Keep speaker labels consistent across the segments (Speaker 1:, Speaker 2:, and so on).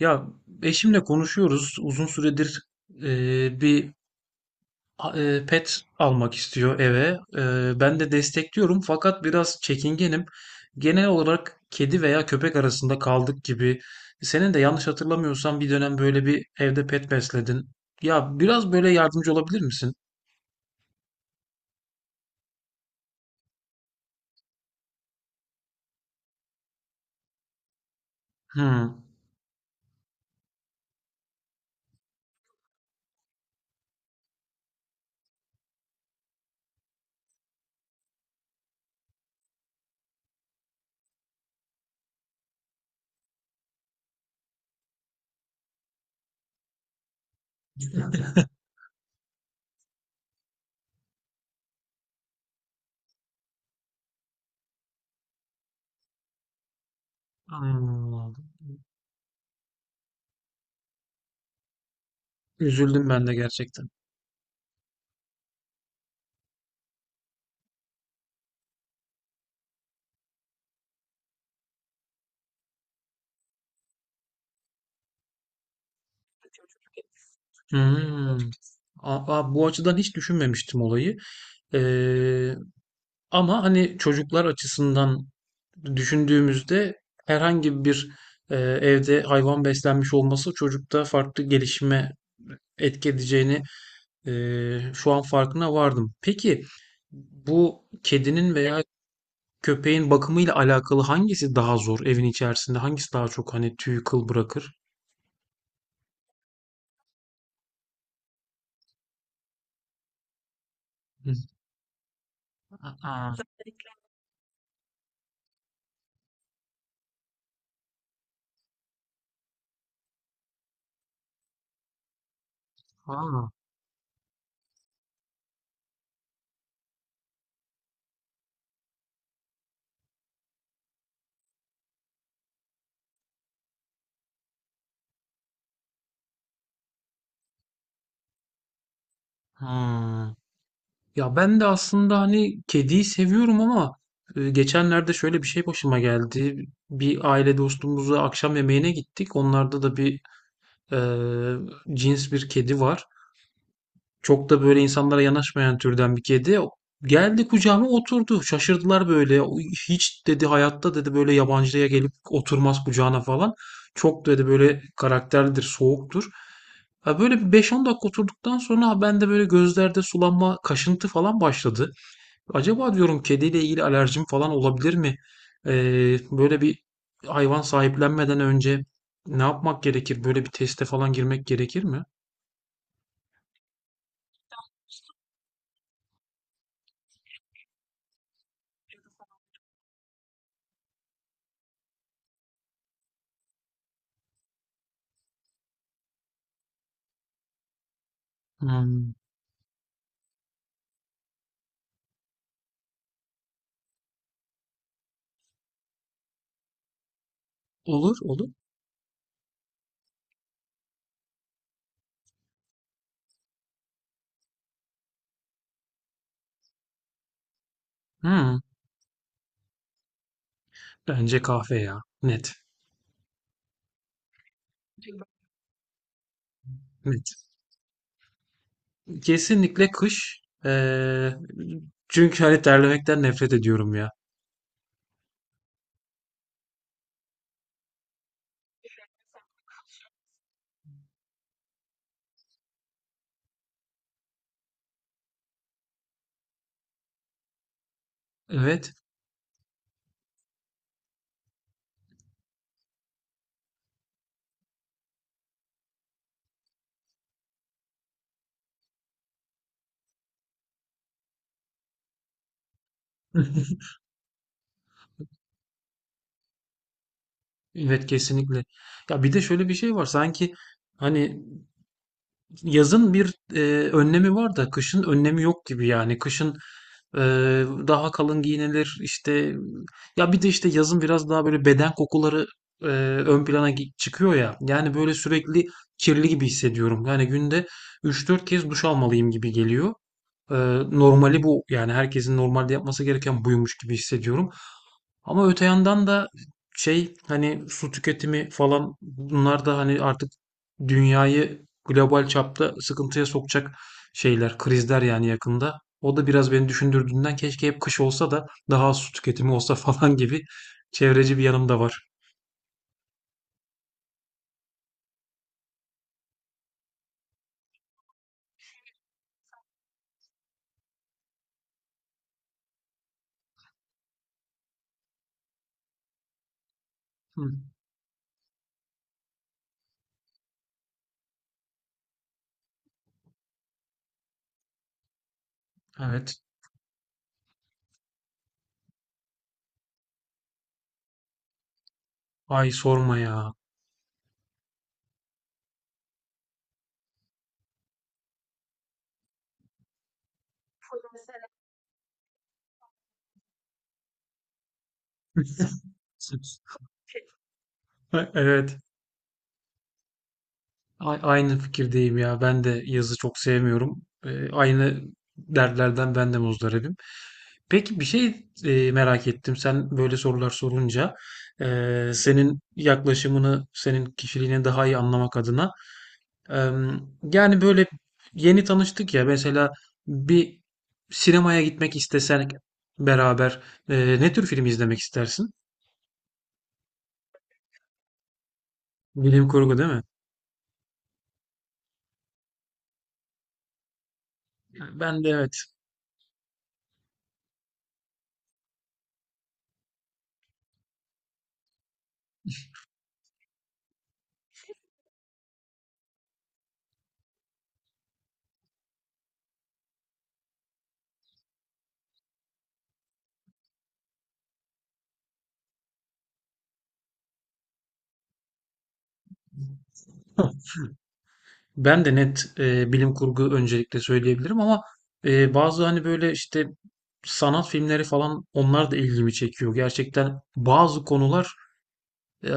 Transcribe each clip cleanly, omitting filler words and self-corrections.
Speaker 1: Ya eşimle konuşuyoruz. Uzun süredir bir pet almak istiyor eve. Ben de destekliyorum fakat biraz çekingenim. Genel olarak kedi veya köpek arasında kaldık gibi. Senin de yanlış hatırlamıyorsam bir dönem böyle bir evde pet besledin. Ya biraz böyle yardımcı olabilir misin? Hmm. Hmm. Üzüldüm ben de gerçekten. Hmm. Aa, bu açıdan hiç düşünmemiştim olayı. Ee, Ama hani çocuklar açısından düşündüğümüzde herhangi bir evde hayvan beslenmiş olması çocukta farklı gelişime etki edeceğini şu an farkına vardım. Peki bu kedinin veya köpeğin bakımıyla alakalı hangisi daha zor evin içerisinde? Hangisi daha çok hani tüy kıl bırakır? Hı. Aa, aa, aa. Ya ben de aslında hani kediyi seviyorum ama geçenlerde şöyle bir şey başıma geldi. Bir aile dostumuzla akşam yemeğine gittik. Onlarda da bir e, cins bir kedi var. Çok da böyle insanlara yanaşmayan türden bir kedi. Geldi kucağıma oturdu. Şaşırdılar böyle. O "Hiç," dedi, "hayatta," dedi, "böyle yabancıya gelip oturmaz kucağına falan. Çok," dedi, "böyle karakterlidir, soğuktur." Ha böyle bir 5-10 dakika oturduktan sonra ben de böyle gözlerde sulanma, kaşıntı falan başladı. Acaba diyorum kediyle ilgili alerjim falan olabilir mi? Böyle bir hayvan sahiplenmeden önce ne yapmak gerekir? Böyle bir teste falan girmek gerekir mi? Hmm. Olur, olur. Hmm. Bence kahve ya. Net, net. Kesinlikle kış. Çünkü hani terlemekten nefret ediyorum ya. Evet. Evet, kesinlikle. Ya bir de şöyle bir şey var. Sanki hani yazın bir önlemi var da kışın önlemi yok gibi yani. Kışın e, daha kalın giyinilir işte. Ya bir de işte yazın biraz daha böyle beden kokuları ön plana çıkıyor ya. Yani böyle sürekli kirli gibi hissediyorum. Yani günde üç dört kez duş almalıyım gibi geliyor. E, Normali bu yani, herkesin normalde yapması gereken buymuş gibi hissediyorum. Ama öte yandan da şey, hani su tüketimi falan, bunlar da hani artık dünyayı global çapta sıkıntıya sokacak şeyler, krizler yani yakında. O da biraz beni düşündürdüğünden keşke hep kış olsa da daha az su tüketimi olsa falan gibi çevreci bir yanım da var. Hı, evet. Ay sorma ya. Evet. Aynı fikirdeyim ya. Ben de yazı çok sevmiyorum. Aynı dertlerden ben de muzdaribim. Peki bir şey merak ettim. Sen böyle sorular sorunca senin yaklaşımını, senin kişiliğini daha iyi anlamak adına. e, Yani böyle yeni tanıştık ya. Mesela bir sinemaya gitmek istesen beraber ne tür film izlemek istersin? Bilim kurgu değil mi? Ben de, evet. Ben de net bilim kurgu öncelikle söyleyebilirim ama bazı hani böyle işte sanat filmleri falan onlar da ilgimi çekiyor. Gerçekten bazı konular e,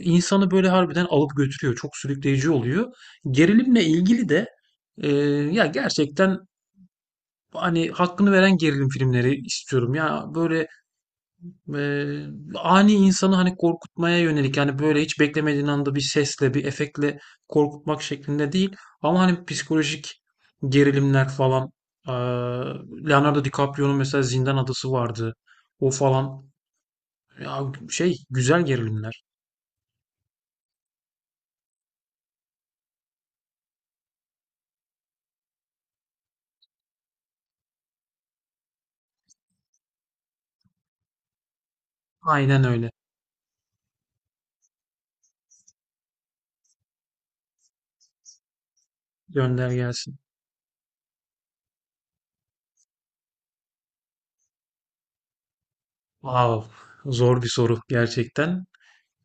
Speaker 1: insanı böyle harbiden alıp götürüyor. Çok sürükleyici oluyor. Gerilimle ilgili de e, ya gerçekten hani hakkını veren gerilim filmleri istiyorum. Ya böyle Eee, ani insanı hani korkutmaya yönelik yani böyle hiç beklemediğin anda bir sesle bir efektle korkutmak şeklinde değil, ama hani psikolojik gerilimler falan, eee, Leonardo DiCaprio'nun mesela Zindan Adası vardı, o falan ya. Şey, güzel gerilimler. Aynen öyle. Gönder gelsin. Vav, zor bir soru gerçekten.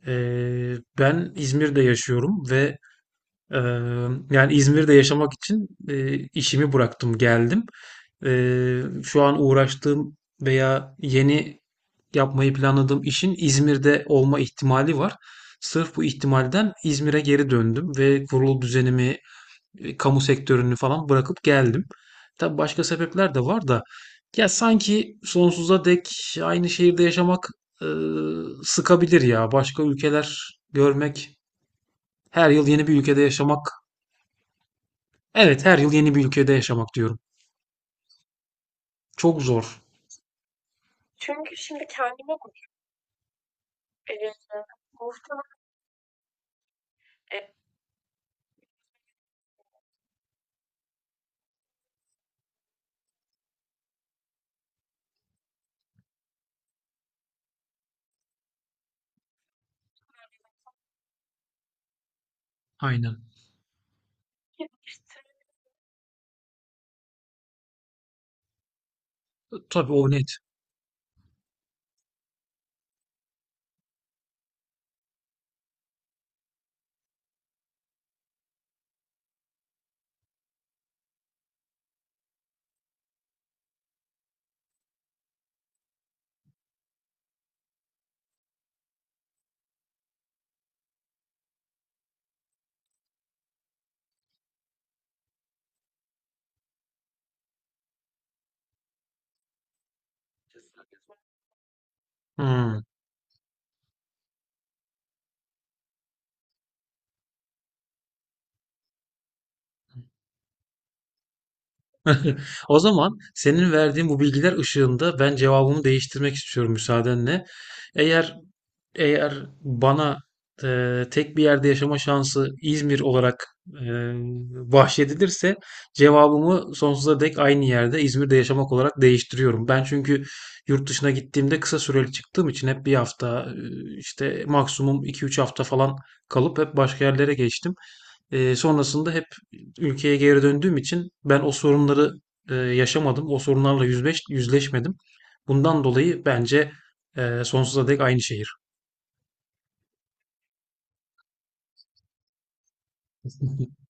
Speaker 1: Ben İzmir'de yaşıyorum ve yani İzmir'de yaşamak için işimi bıraktım, geldim. Şu an uğraştığım veya yeni yapmayı planladığım işin İzmir'de olma ihtimali var. Sırf bu ihtimalden İzmir'e geri döndüm ve kurulu düzenimi, kamu sektörünü falan bırakıp geldim. Tabii başka sebepler de var da, ya sanki sonsuza dek aynı şehirde yaşamak e, sıkabilir ya. Başka ülkeler görmek, her yıl yeni bir ülkede yaşamak. Evet, her yıl yeni bir ülkede yaşamak diyorum. Çok zor. Aynen. Tabii, o net. Hıı. O zaman senin verdiğin bu bilgiler ışığında ben cevabımı değiştirmek istiyorum müsaadenle. Eğer eğer bana tek bir yerde yaşama şansı İzmir olarak e, bahşedilirse cevabımı sonsuza dek aynı yerde İzmir'de yaşamak olarak değiştiriyorum. Ben çünkü yurt dışına gittiğimde kısa süreli çıktığım için hep bir hafta işte maksimum iki üç hafta falan kalıp hep başka yerlere geçtim. Sonrasında hep ülkeye geri döndüğüm için ben o sorunları yaşamadım. O sorunlarla yüzleşmedim. Bundan dolayı bence sonsuza dek aynı şehir.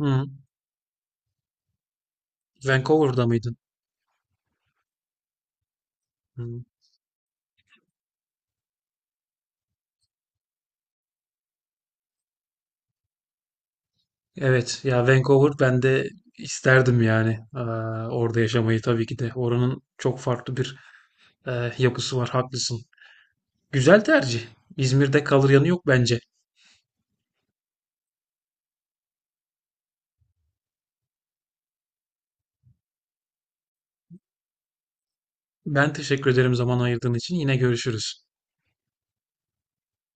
Speaker 1: Hı. Vancouver'da mıydın? Hı. Evet ya, Vancouver, ben de isterdim yani. Orada yaşamayı tabii ki de. Oranın çok farklı bir yapısı var, haklısın. Güzel tercih. İzmir'de kalır yanı yok bence. Ben teşekkür ederim zaman ayırdığın için. Yine görüşürüz.